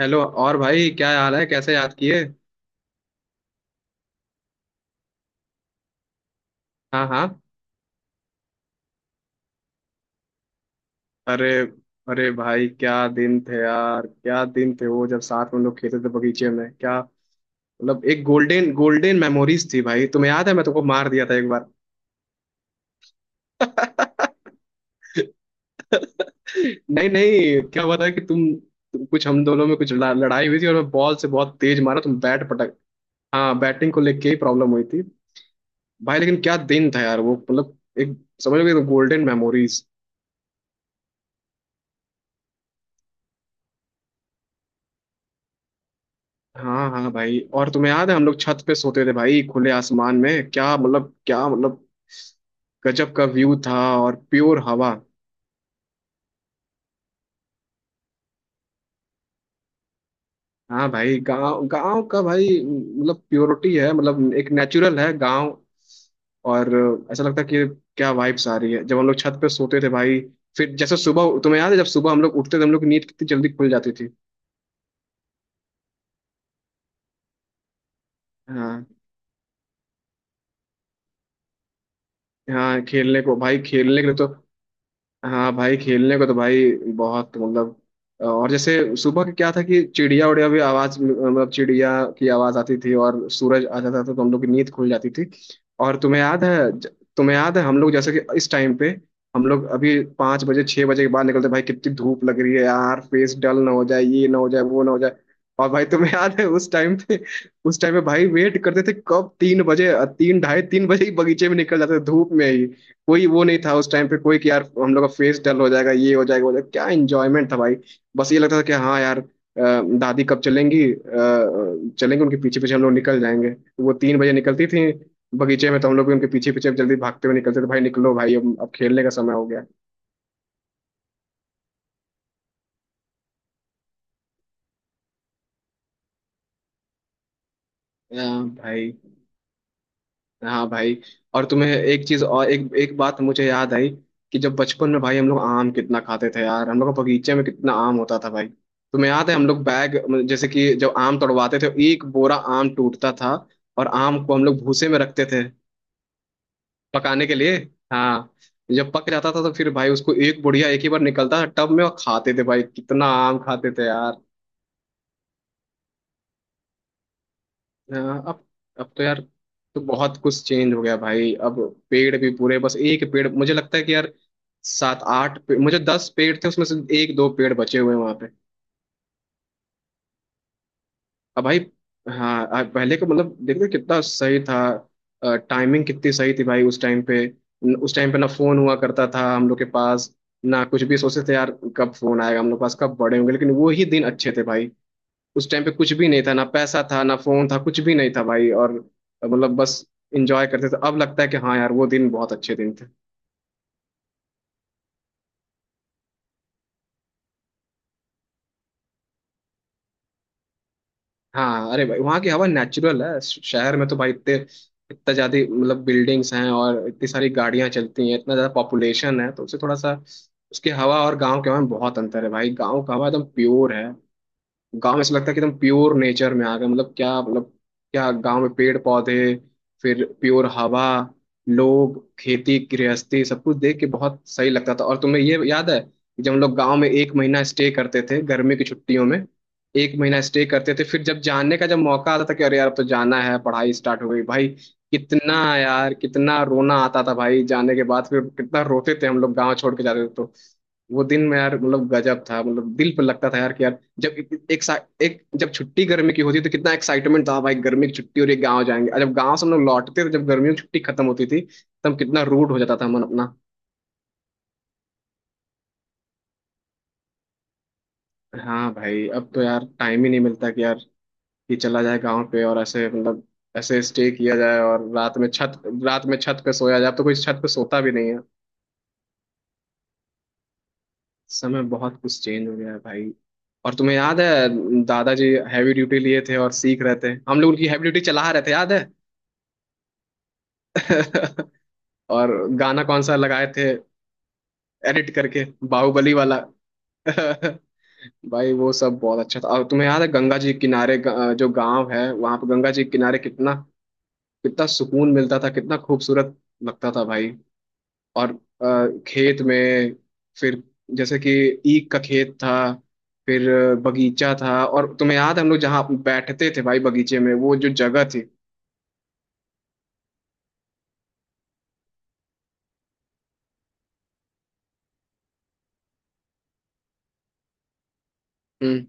Hello. और भाई, क्या हाल है? कैसे याद किए? हाँ हाँ। अरे। अरे भाई, क्या दिन थे यार, क्या दिन थे वो जब साथ में हम लोग खेलते थे बगीचे में, क्या मतलब एक गोल्डन गोल्डन मेमोरीज थी भाई। तुम्हें याद है, मैं तुमको मार दिया था एक बार। नहीं नहीं, क्या हुआ था कि तुम कुछ, हम दोनों में कुछ लड़ाई हुई थी, और मैं बॉल से बहुत तेज मारा, तुम बैट पटक। हाँ, बैटिंग को लेके ही प्रॉब्लम हुई थी भाई। लेकिन क्या दिन था यार वो, मतलब एक, समझ लो कि गोल्डन मेमोरीज। हाँ हाँ भाई, और तुम्हें याद है हम लोग छत पे सोते थे भाई, खुले आसमान में, क्या मतलब गजब का व्यू था। और प्योर हवा। हाँ भाई, गांव गांव का भाई मतलब प्योरिटी है, मतलब एक नेचुरल है गांव। और ऐसा लगता है कि क्या वाइब्स आ रही है जब हम लोग छत पे सोते थे भाई। फिर जैसे सुबह, तुम्हें याद है जब सुबह हम लोग उठते थे, हम लोग की नींद कितनी जल्दी खुल जाती थी। हाँ हाँ। खेलने को भाई, खेलने के लिए तो। हाँ भाई, खेलने को तो भाई बहुत, मतलब। और जैसे सुबह के क्या था कि चिड़िया उड़िया भी आवाज, मतलब चिड़िया की आवाज आती थी, और सूरज आ जाता था तो हम लोग की नींद खुल जाती थी। और तुम्हें याद है, तुम्हें याद है हम लोग जैसे कि इस टाइम पे हम लोग अभी 5 बजे 6 बजे के बाद निकलते भाई, कितनी धूप लग रही है यार, फेस डल ना हो जाए, ये ना हो जाए, वो ना हो जाए। और भाई तुम्हें याद है उस टाइम पे, उस टाइम पे भाई वेट करते थे कब 3 बजे। तीन, ढाई तीन बजे ही बगीचे में निकल जाते थे धूप में। कोई वो नहीं था उस टाइम पे कोई कि यार हम लोग का फेस डल हो जाएगा, ये हो जाएगा, वो हो जाएगा। क्या एंजॉयमेंट था भाई। बस ये लगता था कि हाँ यार, दादी कब चलेंगी, चलेंगी उनके पीछे पीछे हम लोग निकल जाएंगे। वो 3 बजे निकलती थी बगीचे में, तो हम लोग भी उनके पीछे पीछे जल्दी भागते हुए निकलते थे भाई, निकलो भाई अब खेलने का समय हो गया। भाई। हाँ भाई, और तुम्हें एक चीज और, एक एक बात मुझे याद आई कि जब बचपन में भाई हम लोग आम कितना खाते थे यार, हम लोग का बगीचे में कितना आम होता था भाई। तुम्हें याद है हम लोग बैग, मतलब जैसे कि जब आम तोड़वाते थे, एक बोरा आम टूटता था, और आम को हम लोग भूसे में रखते थे पकाने के लिए। हाँ। जब पक जाता था तो फिर भाई उसको एक बुढ़िया, एक ही बार निकलता था टब में, और खाते थे भाई कितना आम खाते थे यार। हाँ। अब तो यार, तो बहुत कुछ चेंज हो गया भाई। अब पेड़ भी पूरे, बस एक पेड़ मुझे लगता है कि यार मुझे 10 पेड़ थे उसमें से एक दो पेड़ बचे हुए हैं वहां पे। अब भाई, हाँ अब पहले का मतलब देखो कितना सही था। टाइमिंग कितनी सही थी भाई उस टाइम पे। उस टाइम पे ना फोन हुआ करता था हम लोग के पास, ना कुछ भी सोचते थे यार कब फोन आएगा हम लोग के पास, कब बड़े होंगे। लेकिन वो ही दिन अच्छे थे भाई। उस टाइम पे कुछ भी नहीं था, ना पैसा था ना फोन था, कुछ भी नहीं था भाई। और मतलब बस इंजॉय करते थे। अब लगता है कि हाँ यार, वो दिन बहुत अच्छे दिन थे। हाँ, अरे भाई वहाँ की हवा नेचुरल है। शहर में तो भाई इतने, इतना ज्यादा मतलब बिल्डिंग्स हैं और इतनी सारी गाड़ियां चलती हैं, इतना ज्यादा पॉपुलेशन है, तो उससे थोड़ा सा उसकी हवा और गाँव के हवा में बहुत अंतर है भाई। गाँव का हवा एकदम प्योर है। गांव में ऐसा लगता है कि एकदम प्योर नेचर में आ गए, मतलब क्या मतलब क्या। गांव में पेड़ पौधे, फिर प्योर हवा, लोग खेती गृहस्थी, सब कुछ देख के बहुत सही लगता था। और तुम्हें ये याद है कि जब हम लोग गांव में एक महीना स्टे करते थे गर्मी की छुट्टियों में, एक महीना स्टे करते थे, फिर जब जाने का जब मौका आता था कि अरे यार अब तो जाना है, पढ़ाई स्टार्ट हो गई भाई, कितना यार कितना रोना आता था भाई। जाने के बाद फिर कितना रोते थे हम लोग, गांव छोड़ के जाते थे तो वो दिन में यार मतलब गजब था, मतलब दिल पर लगता था यार कि यार जब एक सा- एक जब छुट्टी गर्मी की होती तो कितना एक्साइटमेंट था भाई, गर्मी की छुट्टी और एक गाँव जाएंगे। और जब गाँव से हम लोग लौटते थे जब गर्मियों की छुट्टी खत्म होती थी, तब कितना रूड हो जाता था मन अपना। हाँ भाई, अब तो यार टाइम ही नहीं मिलता कि यार कि चला जाए गाँव पे, और ऐसे मतलब ऐसे स्टे किया जाए, और रात में छत पे सोया जाए। अब तो कोई छत पे सोता भी नहीं है। समय बहुत कुछ चेंज हो गया है भाई। और तुम्हें याद है दादाजी हैवी ड्यूटी लिए थे और सीख रहे थे, हम लोग उनकी हैवी ड्यूटी चला रहे थे, याद है? और गाना कौन सा लगाए थे एडिट करके, बाहुबली वाला। भाई वो सब बहुत अच्छा था। और तुम्हें याद है गंगा जी के किनारे, जो गांव है वहां पे गंगा जी के किनारे कितना, कितना सुकून मिलता था, कितना खूबसूरत लगता था भाई। और खेत में, फिर जैसे कि ईख का खेत था, फिर बगीचा था, और तुम्हें याद है हम लोग जहाँ बैठते थे भाई बगीचे में, वो जो जगह थी। हम्म।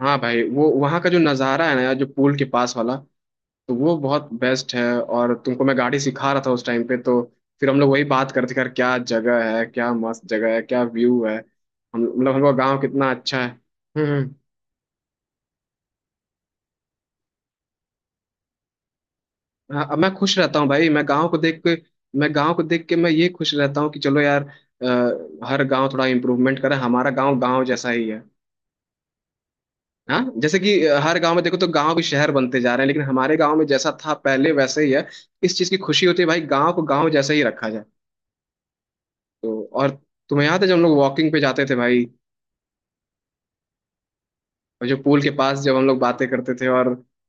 हाँ भाई, वो वहाँ का जो नज़ारा है ना यार, जो पुल के पास वाला, तो वो बहुत बेस्ट है। और तुमको मैं गाड़ी सिखा रहा था उस टाइम पे, तो फिर हम लोग वही बात करते कर रहे थे कि यार क्या जगह है, क्या मस्त जगह है, क्या व्यू है। हम मतलब हमको गाँव कितना अच्छा है। हम्म हम्म। हाँ, अब मैं खुश रहता हूँ भाई मैं गाँव को देख के मैं ये खुश रहता हूँ कि चलो यार हर गाँव थोड़ा इम्प्रूवमेंट करे, हमारा गाँव गाँव जैसा ही है। हाँ जैसे कि हर गांव में देखो तो गांव भी शहर बनते जा रहे हैं, लेकिन हमारे गांव में जैसा था पहले वैसे ही है। इस चीज की खुशी होती है भाई गांव को गांव जैसा ही रखा जाए। तो और तुम्हें याद है जब हम लोग वॉकिंग पे जाते थे भाई, और जो पूल के पास जब हम लोग बातें करते थे और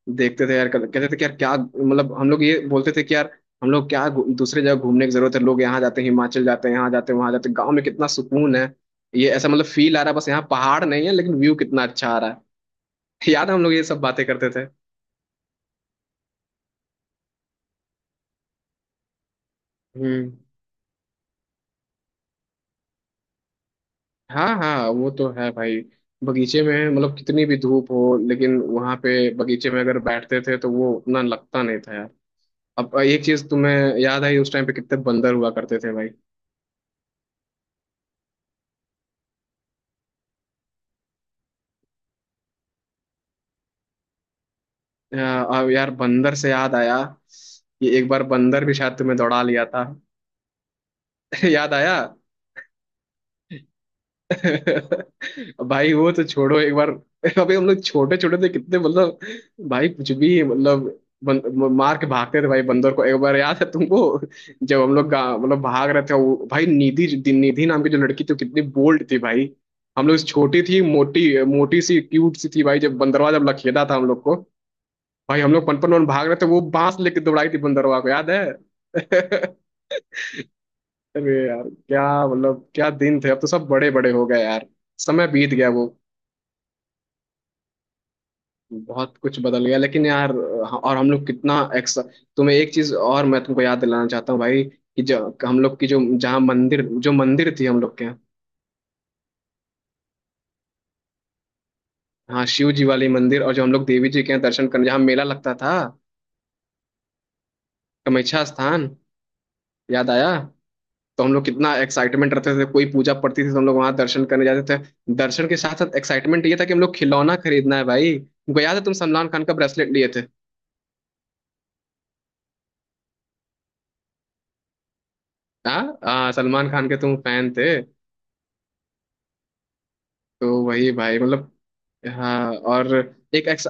देखते थे यार, कहते थे कि यार क्या मतलब, हम लोग ये बोलते थे कि यार हम लोग क्या दूसरे जगह घूमने की जरूरत है? लोग यहाँ जाते हैं, हिमाचल जाते हैं, यहाँ जाते हैं वहां जाते हैं, गाँव में कितना सुकून है। ये ऐसा मतलब फील आ रहा है, बस यहाँ पहाड़ नहीं है लेकिन व्यू कितना अच्छा आ रहा है। याद है हम लोग ये सब बातें करते थे। हम्म। हाँ हाँ, वो तो है भाई। बगीचे में मतलब कितनी भी धूप हो लेकिन वहां पे बगीचे में अगर बैठते थे तो वो उतना लगता नहीं था। अब एक चीज तुम्हें याद आई, उस टाइम पे कितने बंदर हुआ करते थे भाई। अ, अब यार बंदर से याद आया कि एक बार बंदर भी शायद तुम्हें दौड़ा लिया था। याद आया। भाई वो तो छोड़ो, एक बार अभी हम लोग छोटे छोटे थे कितने, मतलब भाई कुछ भी मतलब मार के भागते थे भाई बंदर को, एक बार याद है तुमको जब हम लोग मतलब भाग रहे थे, वो भाई निधि, निधि नाम की जो लड़की थी, वो कितनी बोल्ड थी भाई। हम लोग छोटी थी, मोटी मोटी सी क्यूट सी थी भाई, जब बंदरवा जब लखेदा था हम लोग को, भाई हम लोग पनपन वन भाग रहे थे, वो बांस लेके दौड़ाई थी बंदरवा को, याद है? अरे यार क्या मतलब, क्या दिन थे, अब तो सब बड़े बड़े हो गए यार। समय बीत गया वो, बहुत कुछ बदल गया लेकिन यार, और हम लोग कितना एक्स, तुम्हें एक चीज और मैं तुमको याद दिलाना चाहता हूँ भाई कि जो हम लोग की जो जहाँ मंदिर, जो मंदिर थी हम लोग के यहाँ। हाँ शिव जी वाली मंदिर, और जो हम लोग देवी जी के यहाँ दर्शन करने, जहाँ मेला लगता था, कामाख्या स्थान, याद आया। तो हम लोग कितना एक्साइटमेंट रहते थे, कोई पूजा पड़ती थी तो हम लोग वहां दर्शन करने जाते थे, दर्शन के साथ साथ एक्साइटमेंट ये था कि हम लोग खिलौना खरीदना है भाई। तुमको याद है तुम सलमान खान का ब्रेसलेट लिए थे। हाँ हाँ, सलमान खान के तुम फैन थे। तो वही भाई मतलब। हाँ, और एक एक्स,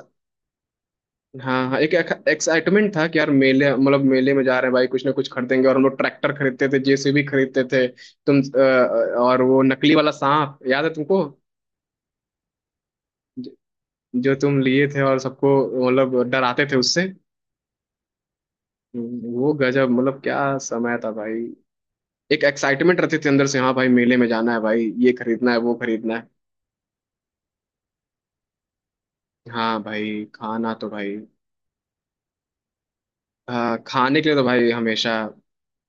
हाँ हाँ एक एक्साइटमेंट था कि यार मेले, मतलब मेले में जा रहे हैं भाई, कुछ ना कुछ खरीदेंगे, और हम लोग ट्रैक्टर खरीदते थे, जेसीबी खरीदते थे। तुम और वो नकली वाला सांप याद है तुमको, ज- जो तुम लिए थे और सबको मतलब डराते थे उससे। वो गजब, मतलब क्या समय था भाई। एक एक्साइटमेंट रहती थी अंदर से, हाँ भाई मेले में जाना है भाई, ये खरीदना है वो खरीदना है। हाँ भाई खाना तो भाई, हाँ, खाने के लिए तो भाई हमेशा।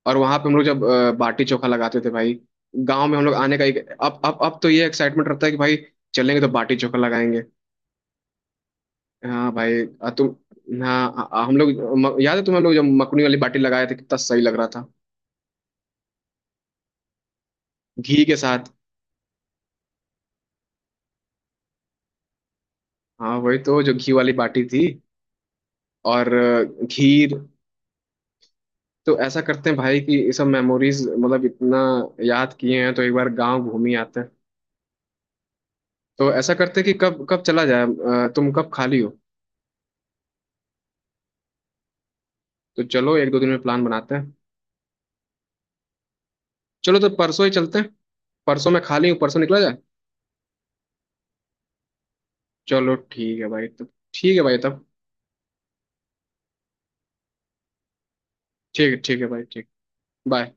और वहां पे हम लोग जब बाटी चोखा लगाते थे भाई, गांव में हम लोग आने का एक अब तो ये एक्साइटमेंट रहता है कि भाई चलेंगे तो बाटी चोखा लगाएंगे। हाँ भाई तुम हाँ हम लोग याद है तुम्हें हम लोग जब मकुनी वाली बाटी लगाए थे कितना सही लग रहा था, घी के साथ। हाँ वही तो, जो घी वाली बाटी थी। और खीर। तो ऐसा करते हैं भाई कि ये सब मेमोरीज मतलब इतना याद किए हैं तो एक बार गांव घूम ही आते हैं। तो ऐसा करते हैं कि कब कब चला जाए, तुम कब खाली हो? तो चलो एक दो दिन में प्लान बनाते हैं। चलो तो परसों ही चलते हैं, परसों मैं खाली हूँ, परसों निकला जाए। चलो ठीक है भाई तब, ठीक है भाई तब ठीक है, ठीक है भाई ठीक। बाय।